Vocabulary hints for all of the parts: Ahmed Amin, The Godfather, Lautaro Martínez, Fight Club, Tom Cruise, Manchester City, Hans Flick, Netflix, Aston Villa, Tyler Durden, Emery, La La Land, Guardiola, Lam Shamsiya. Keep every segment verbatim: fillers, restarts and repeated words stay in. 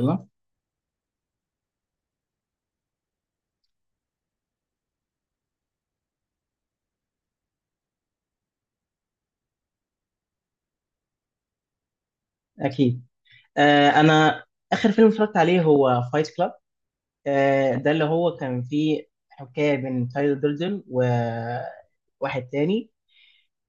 يلا. اكيد. آه انا اخر فيلم اتفرجت عليه هو فايت كلاب. آه ده اللي هو كان فيه حكايه بين تايلر دردن وواحد تاني.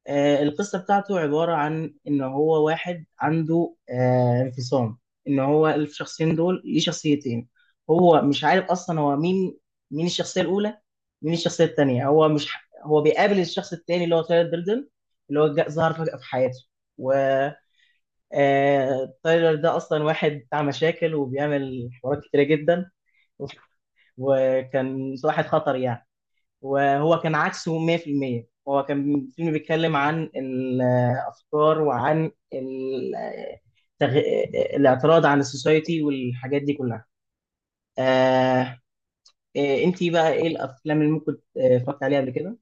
آه القصه بتاعته عباره عن ان هو واحد عنده آه انفصام، ان هو الشخصين دول ليه شخصيتين. هو مش عارف اصلا هو مين، مين الشخصيه الاولى، مين الشخصيه التانيه. هو مش ح- هو بيقابل الشخص التاني اللي هو تايلر دردن، اللي هو جا- ظهر فجاه في حياته. آه، تايلر ده اصلا واحد بتاع مشاكل وبيعمل حوارات كتيره جدا، وكان واحد خطر يعني. وهو كان عكسه مية بالمية. هو كان الفيلم بيتكلم عن الافكار وعن ال- تغ... الاعتراض عن السوسايتي والحاجات دي كلها. آه... آه... انتي بقى ايه الافلام اللي ممكن آه، اتفرجت عليها قبل كده؟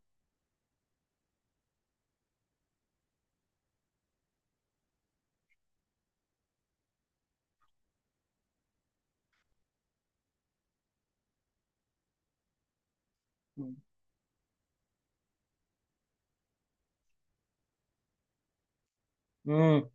مم.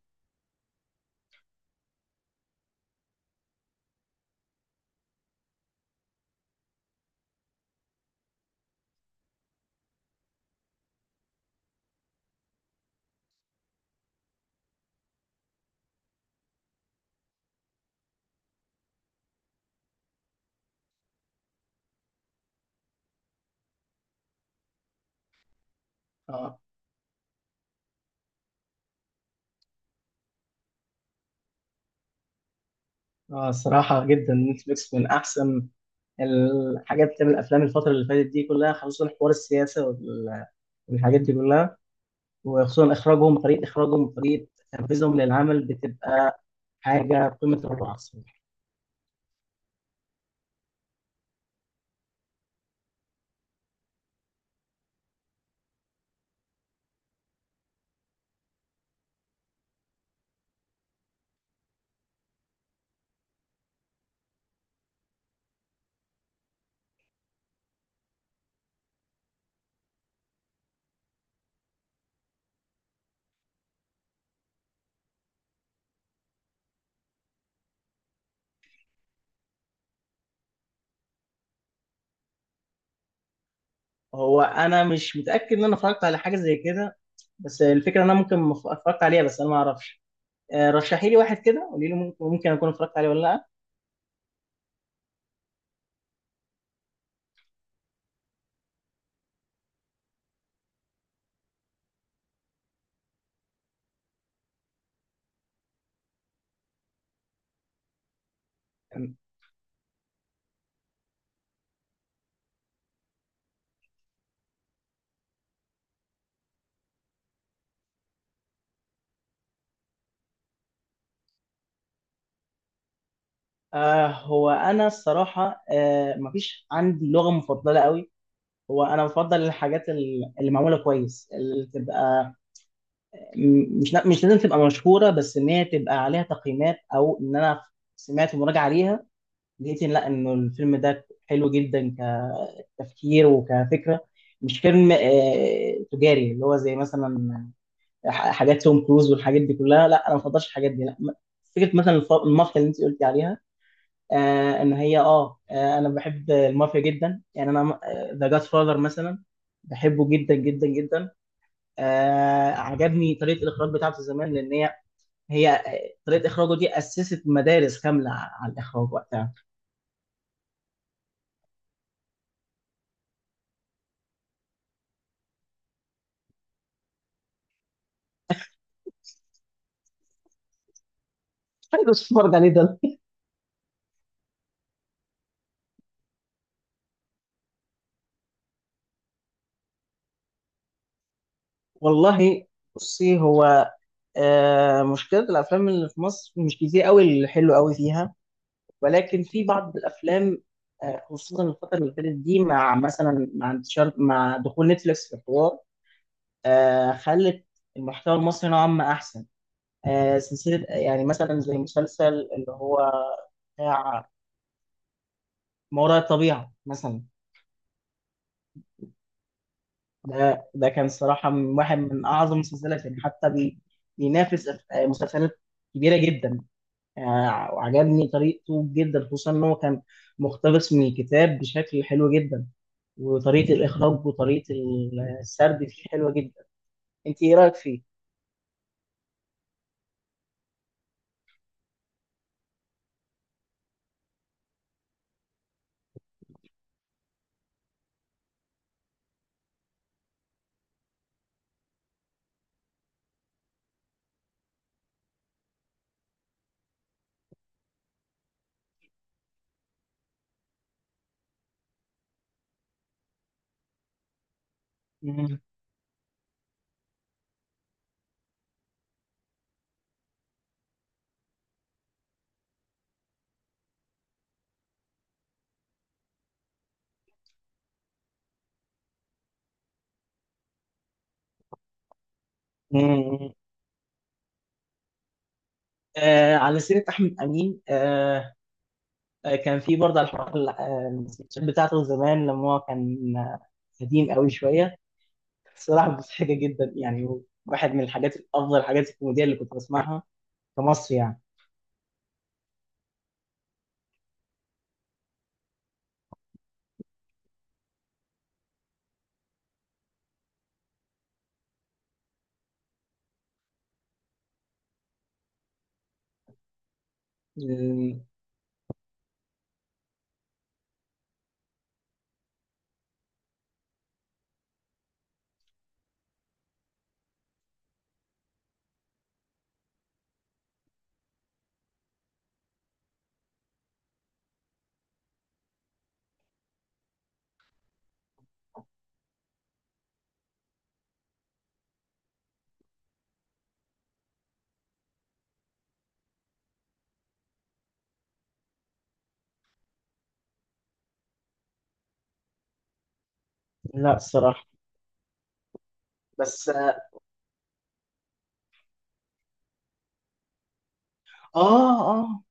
اه. اه، صراحة جدا نتفليكس من احسن الحاجات بتعمل الافلام الفتره اللي فاتت دي كلها، خصوصا حوار السياسه وال- والحاجات دي كلها. وخصوصا اخراجهم، طريقه اخراجهم وطريقه تنفيذهم للعمل بتبقى حاجه في قمه الروعه الصراحه. هو انا مش متاكد ان انا اتفرجت على حاجه زي كده، بس الفكره ان انا ممكن ما ف- اتفرجت عليها بس انا ما اعرفش. آه، رشحي لي واحد كده، قولي لي ممكن ممكن اكون اتفرجت عليه ولا لا. آه هو انا الصراحه آه مفيش عندي لغه مفضله قوي. هو انا بفضل الحاجات ال- اللي معموله كويس، اللي تبقى م- مش لا- مش لازم تبقى مشهوره، بس ان هي تبقى عليها تقييمات او ان انا سمعت مراجعه عليها، لقيت إن لا انه الفيلم ده حلو جدا كتفكير وكفكره. مش فيلم آه، تجاري اللي هو زي مثلا ح- حاجات توم كروز والحاجات دي كلها. لا انا ما بفضلش الحاجات دي. لا م- فكره مثلا الف- المافيا اللي انت قلتي عليها. آه ان هي اه آه، انا بحب المافيا جدا يعني. انا ذا جاد فاذر مثلا بحبه جدا جدا جدا. آه عجبني طريقه الاخراج بتاعته زمان، لان هي هي طريقه اخراجه دي اسست مدارس كامله على الاخراج وقتها. حلو، اتفرج عليه ده. والله، بصي. هو آه مشكله الافلام اللي في مصر مش كتير قوي اللي حلو قوي فيها، ولكن في بعض الافلام آه خصوصا الفتره اللي فاتت دي مع مثلا مع انتشار، مع دخول نتفليكس في الحوار، آه خلت المحتوى المصري نوعا ما احسن. آه سلسله يعني مثلا زي مسلسل اللي هو بتاع ما وراء الطبيعه مثلا. ده ده كان صراحة من واحد من أعظم المسلسلات يعني، حتى بي بينافس أف- مسلسلات كبيرة جدا يعني. وعجبني طريقته جدا، خصوصا إن هو كان مقتبس من الكتاب بشكل حلو جدا، وطريقة الإخراج وطريقة السرد فيه حلوة جدا. أنت إيه رأيك فيه؟ مم. مم. آه، على سيرة أحمد أمين. آه آه، كان في برضه على الحوار ال- آه، السكتشات بتاعته زمان، لما هو كان قديم قوي شوية. الصراحة مضحكة جدا يعني، واحد من الحاجات الأفضل، الحاجات الكوميدية اللي كنت بسمعها في مصر يعني. أمم، لا الصراحة. بس آه آه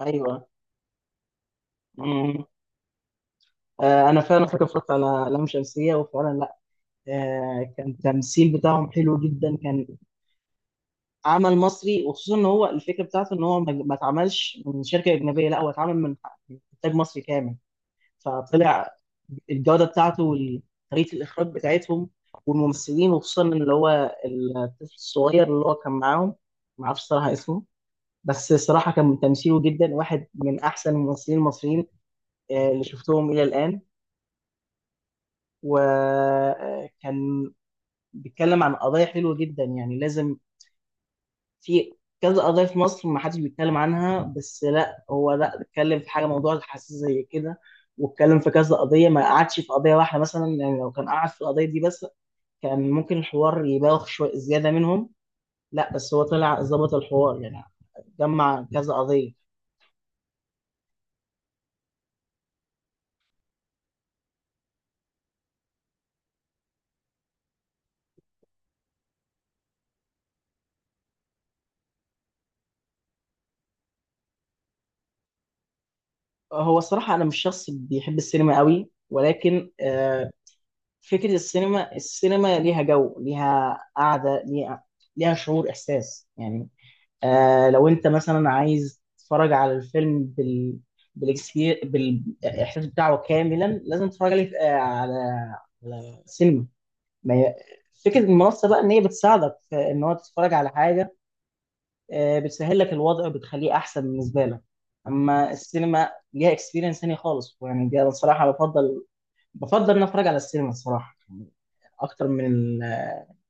أيوه. أمم، آه أنا فعلا فاكر اتفرجت على لام شمسية وفعلا لا. آه كان التمثيل بتاعهم حلو جدا. كان عمل مصري، وخصوصا إن هو الفكرة بتاعته إن هو ما ما اتعملش من شركة أجنبية، لا هو اتعمل من من إنتاج مصري كامل، فطلع الجودة بتاعته وطريقة الإخراج بتاعتهم والممثلين، وخصوصا اللي هو الطفل الصغير اللي هو كان معاهم. معرفش صراحة اسمه، بس الصراحة كان تمثيله جدا واحد من أحسن الممثلين المصريين آه، اللي شفتهم إلى الآن. وكان بيتكلم عن قضايا حلوة جدا يعني. لازم، في كذا قضية في مصر ما حدش بيتكلم عنها، بس لا هو لا اتكلم في حاجة، موضوع حساس زي كده، واتكلم في كذا قضية. ما قعدش في قضية واحدة مثلا، يعني لو كان قعد في القضية دي بس كان ممكن الحوار يبالغ شوية زيادة منهم، لا بس هو طلع ظبط الحوار يعني، جمع كذا قضية. هو الصراحة أنا مش شخص بيحب السينما قوي، ولكن آه، فكرة السينما، السينما ليها جو، ليها قعدة، ليها ليها شعور، إحساس يعني. آه لو انت مثلا عايز تتفرج على الفيلم بال بالاكسبير بالاحساس بتاعه كاملا، لازم تتفرج عليه في- آه، على على سينما. ما هي- فكره المنصه بقى ان هي بتساعدك في ان هو تتفرج على حاجه، آه، بتسهل لك الوضع وبتخليه احسن بالنسبه لك. اما السينما ليها اكسبيرينس تاني خالص يعني. دي انا الصراحه بفضل بفضل ان أنا اتفرج على السينما الصراحه اكتر من ال-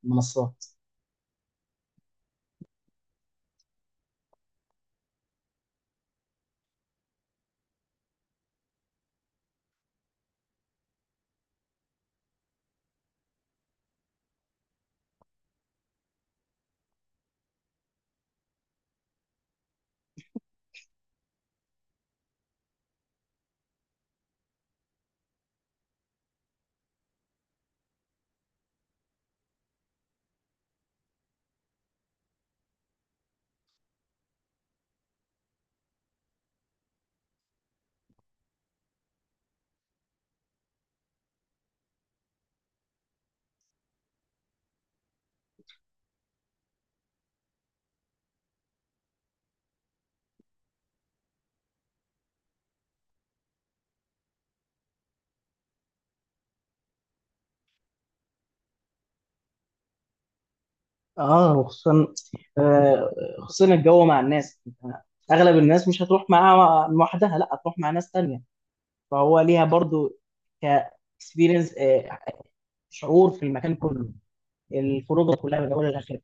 المنصات. اه، وخصوصا آه، خصوصا الجو مع الناس. أنت اغلب الناس مش هتروح معاها لوحدها، لا هتروح مع ناس تانية، فهو ليها برضو ك اكسبيرينس، شعور في المكان كله، الخروجه كلها من اولها لاخرها.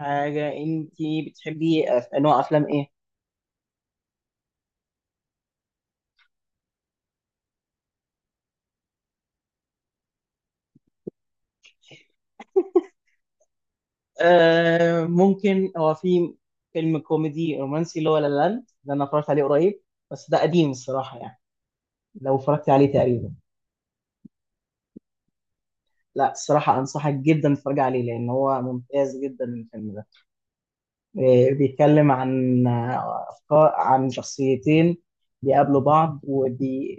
حاجه انت بتحبي أف- نوع افلام ايه؟ آه ممكن هو في فيلم كوميدي رومانسي اللي هو لا لا لاند، ده انا اتفرجت عليه قريب، بس ده قديم الصراحه يعني. لو اتفرجت عليه تقريبا. لا الصراحه، انصحك جدا تتفرج عليه لان هو ممتاز جدا الفيلم ده. آه، بيتكلم عن آه، أفكار، عن شخصيتين بيقابلوا بعض، ودي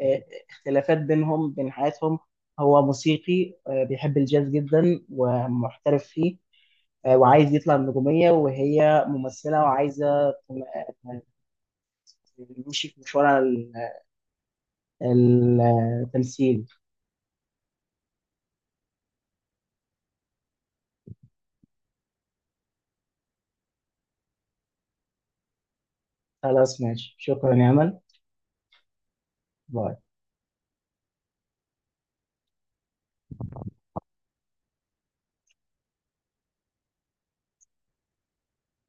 آه، اختلافات بينهم، بين حياتهم. هو موسيقي آه، بيحب الجاز جدا ومحترف فيه، آه، وعايز يطلع النجومية، وهي ممثلة وعايزة تمشي في مشوار ال- التمثيل. خلاص ماشي، شكرا يا أمل. باي.